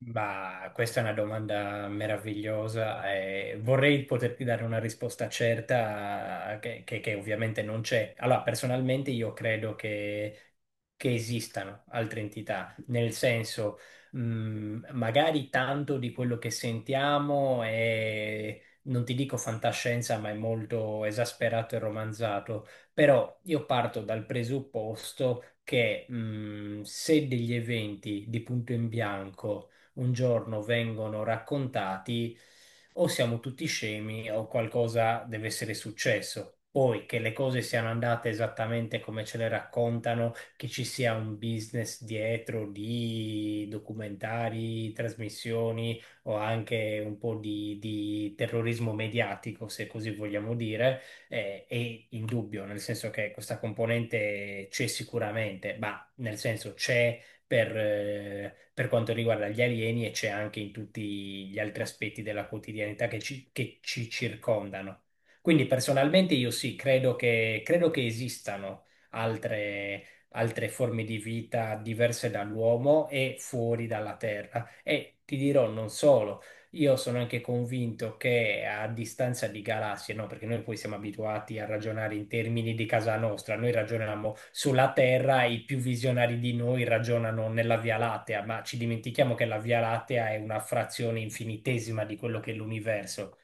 Ma questa è una domanda meravigliosa e vorrei poterti dare una risposta certa che, che ovviamente non c'è. Allora, personalmente io credo che esistano altre entità, nel senso, magari tanto di quello che sentiamo è, non ti dico fantascienza, ma è molto esasperato e romanzato, però io parto dal presupposto che se degli eventi di punto in bianco un giorno vengono raccontati, o siamo tutti scemi o qualcosa deve essere successo. Poi che le cose siano andate esattamente come ce le raccontano, che ci sia un business dietro di documentari, trasmissioni o anche un po' di terrorismo mediatico, se così vogliamo dire, è indubbio, nel senso che questa componente c'è sicuramente, ma nel senso c'è per quanto riguarda gli alieni e c'è anche in tutti gli altri aspetti della quotidianità che ci circondano. Quindi personalmente io sì, credo che esistano altre, altre forme di vita diverse dall'uomo e fuori dalla Terra. E ti dirò non solo. Io sono anche convinto che a distanza di galassie, no, perché noi poi siamo abituati a ragionare in termini di casa nostra, noi ragioniamo sulla Terra, i più visionari di noi ragionano nella Via Lattea, ma ci dimentichiamo che la Via Lattea è una frazione infinitesima di quello che è l'universo.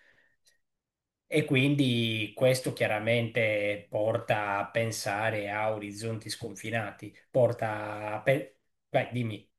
E quindi questo chiaramente porta a pensare a orizzonti sconfinati, porta a Vai, dimmi.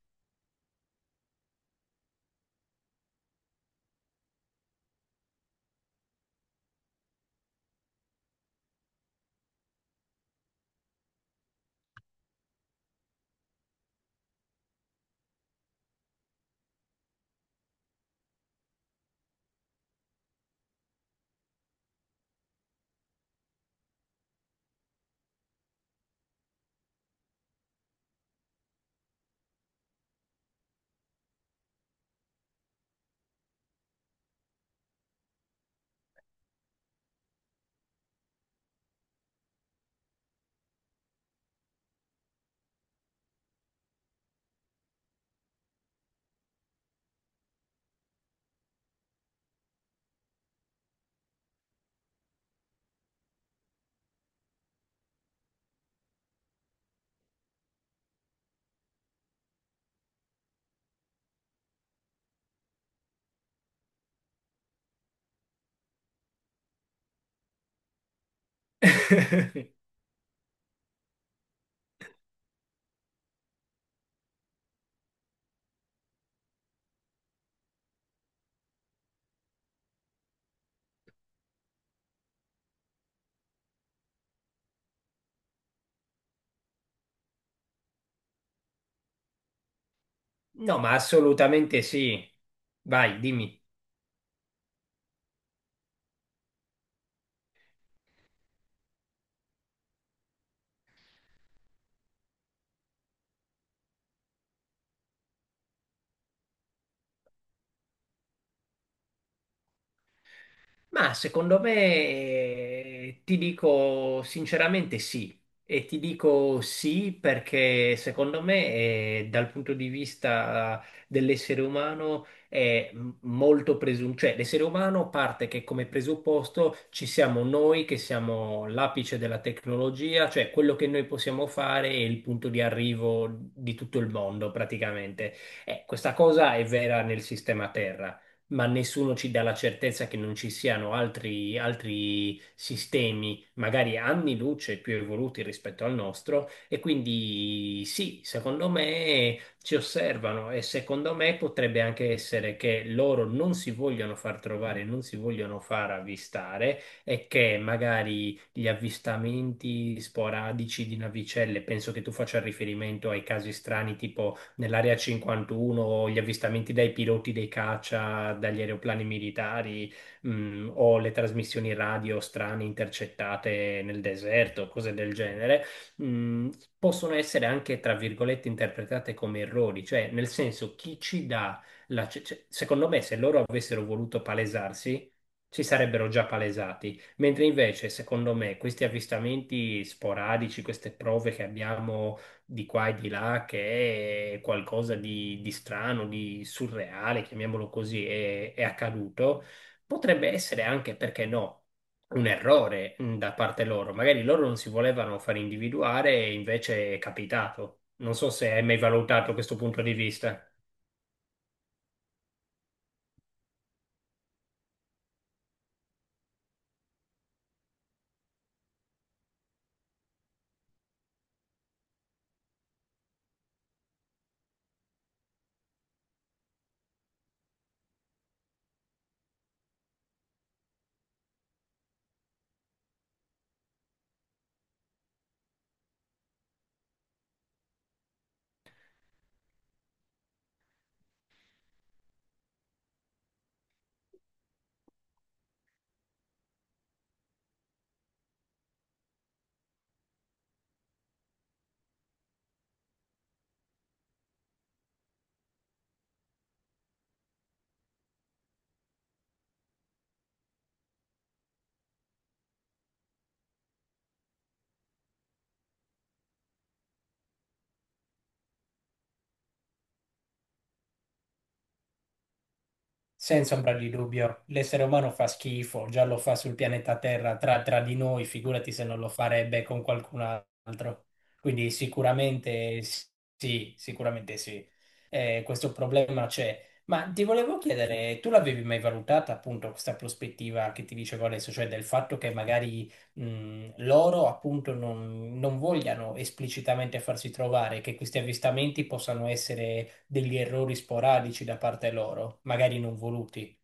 No, ma assolutamente sì. Vai, dimmi. Ma secondo me, ti dico sinceramente sì. E ti dico sì perché secondo me, dal punto di vista dell'essere umano, è molto presunto. Cioè, l'essere umano parte che come presupposto ci siamo noi che siamo l'apice della tecnologia, cioè quello che noi possiamo fare è il punto di arrivo di tutto il mondo praticamente. Questa cosa è vera nel sistema Terra, ma nessuno ci dà la certezza che non ci siano altri, altri sistemi, magari anni luce più evoluti rispetto al nostro, e quindi sì, secondo me ci osservano e secondo me potrebbe anche essere che loro non si vogliono far trovare, non si vogliono far avvistare e che magari gli avvistamenti sporadici di navicelle, penso che tu faccia riferimento ai casi strani tipo nell'area 51, gli avvistamenti dai piloti dei caccia, dagli aeroplani militari, o le trasmissioni radio strane intercettate nel deserto, cose del genere, mh, possono essere anche, tra virgolette, interpretate come errori, cioè nel senso chi ci dà la... Cioè, secondo me se loro avessero voluto palesarsi, si sarebbero già palesati. Mentre invece, secondo me, questi avvistamenti sporadici, queste prove che abbiamo di qua e di là che è qualcosa di strano, di surreale, chiamiamolo così, è accaduto, potrebbe essere anche, perché no, un errore da parte loro. Magari loro non si volevano far individuare e invece è capitato. Non so se hai mai valutato questo punto di vista. Senza ombra di dubbio, l'essere umano fa schifo, già lo fa sul pianeta Terra tra, tra di noi, figurati se non lo farebbe con qualcun altro. Quindi sicuramente sì, sicuramente sì. Questo problema c'è. Ma ti volevo chiedere, tu l'avevi mai valutata appunto questa prospettiva che ti dicevo adesso, cioè del fatto che magari loro appunto non vogliano esplicitamente farsi trovare, che questi avvistamenti possano essere degli errori sporadici da parte loro, magari non voluti.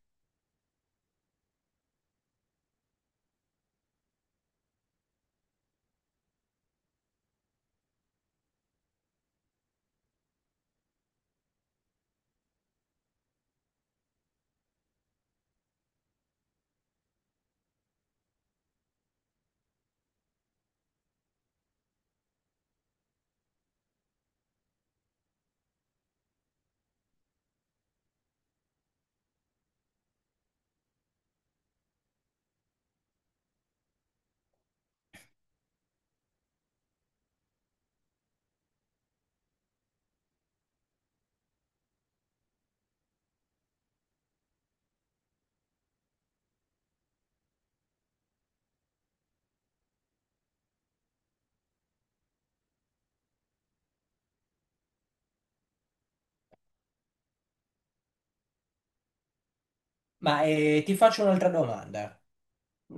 Ma ti faccio un'altra domanda.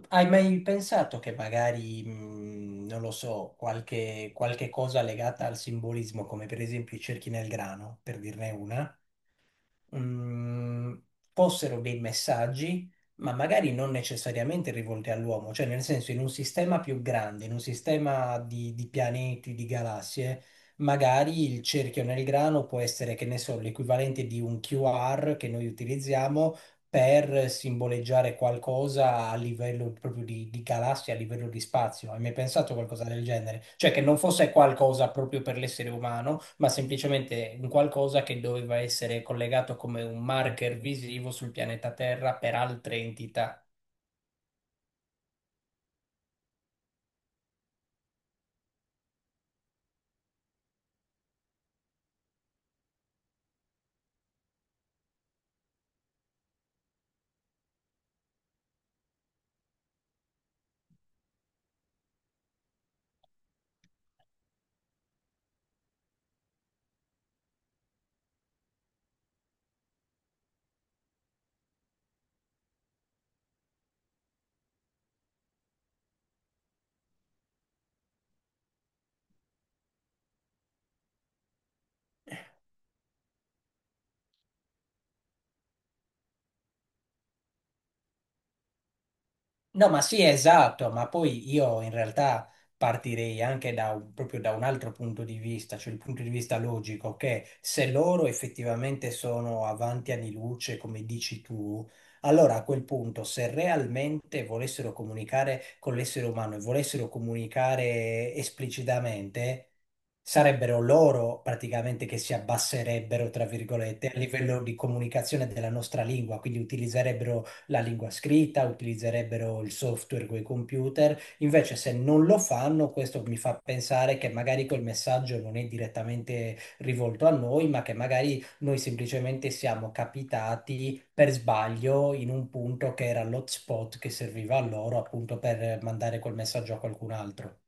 Hai mai pensato che magari, non lo so, qualche, qualche cosa legata al simbolismo, come per esempio i cerchi nel grano, per dirne una? mh, Fossero dei messaggi, ma magari non necessariamente rivolti all'uomo, cioè nel senso in un sistema più grande, in un sistema di pianeti, di galassie, magari il cerchio nel grano può essere, che ne so, l'equivalente di un QR che noi utilizziamo per simboleggiare qualcosa a livello proprio di galassia, a livello di spazio. Hai mai pensato a qualcosa del genere? Cioè che non fosse qualcosa proprio per l'essere umano, ma semplicemente un qualcosa che doveva essere collegato come un marker visivo sul pianeta Terra per altre entità. No, ma sì, esatto, ma poi io in realtà partirei anche da proprio da un altro punto di vista, cioè il punto di vista logico, che se loro effettivamente sono avanti anni luce, come dici tu, allora a quel punto, se realmente volessero comunicare con l'essere umano e volessero comunicare esplicitamente, sarebbero loro praticamente che si abbasserebbero, tra virgolette, a livello di comunicazione della nostra lingua, quindi utilizzerebbero la lingua scritta, utilizzerebbero il software con i computer. Invece, se non lo fanno, questo mi fa pensare che magari quel messaggio non è direttamente rivolto a noi, ma che magari noi semplicemente siamo capitati per sbaglio in un punto che era l'hotspot che serviva a loro appunto per mandare quel messaggio a qualcun altro.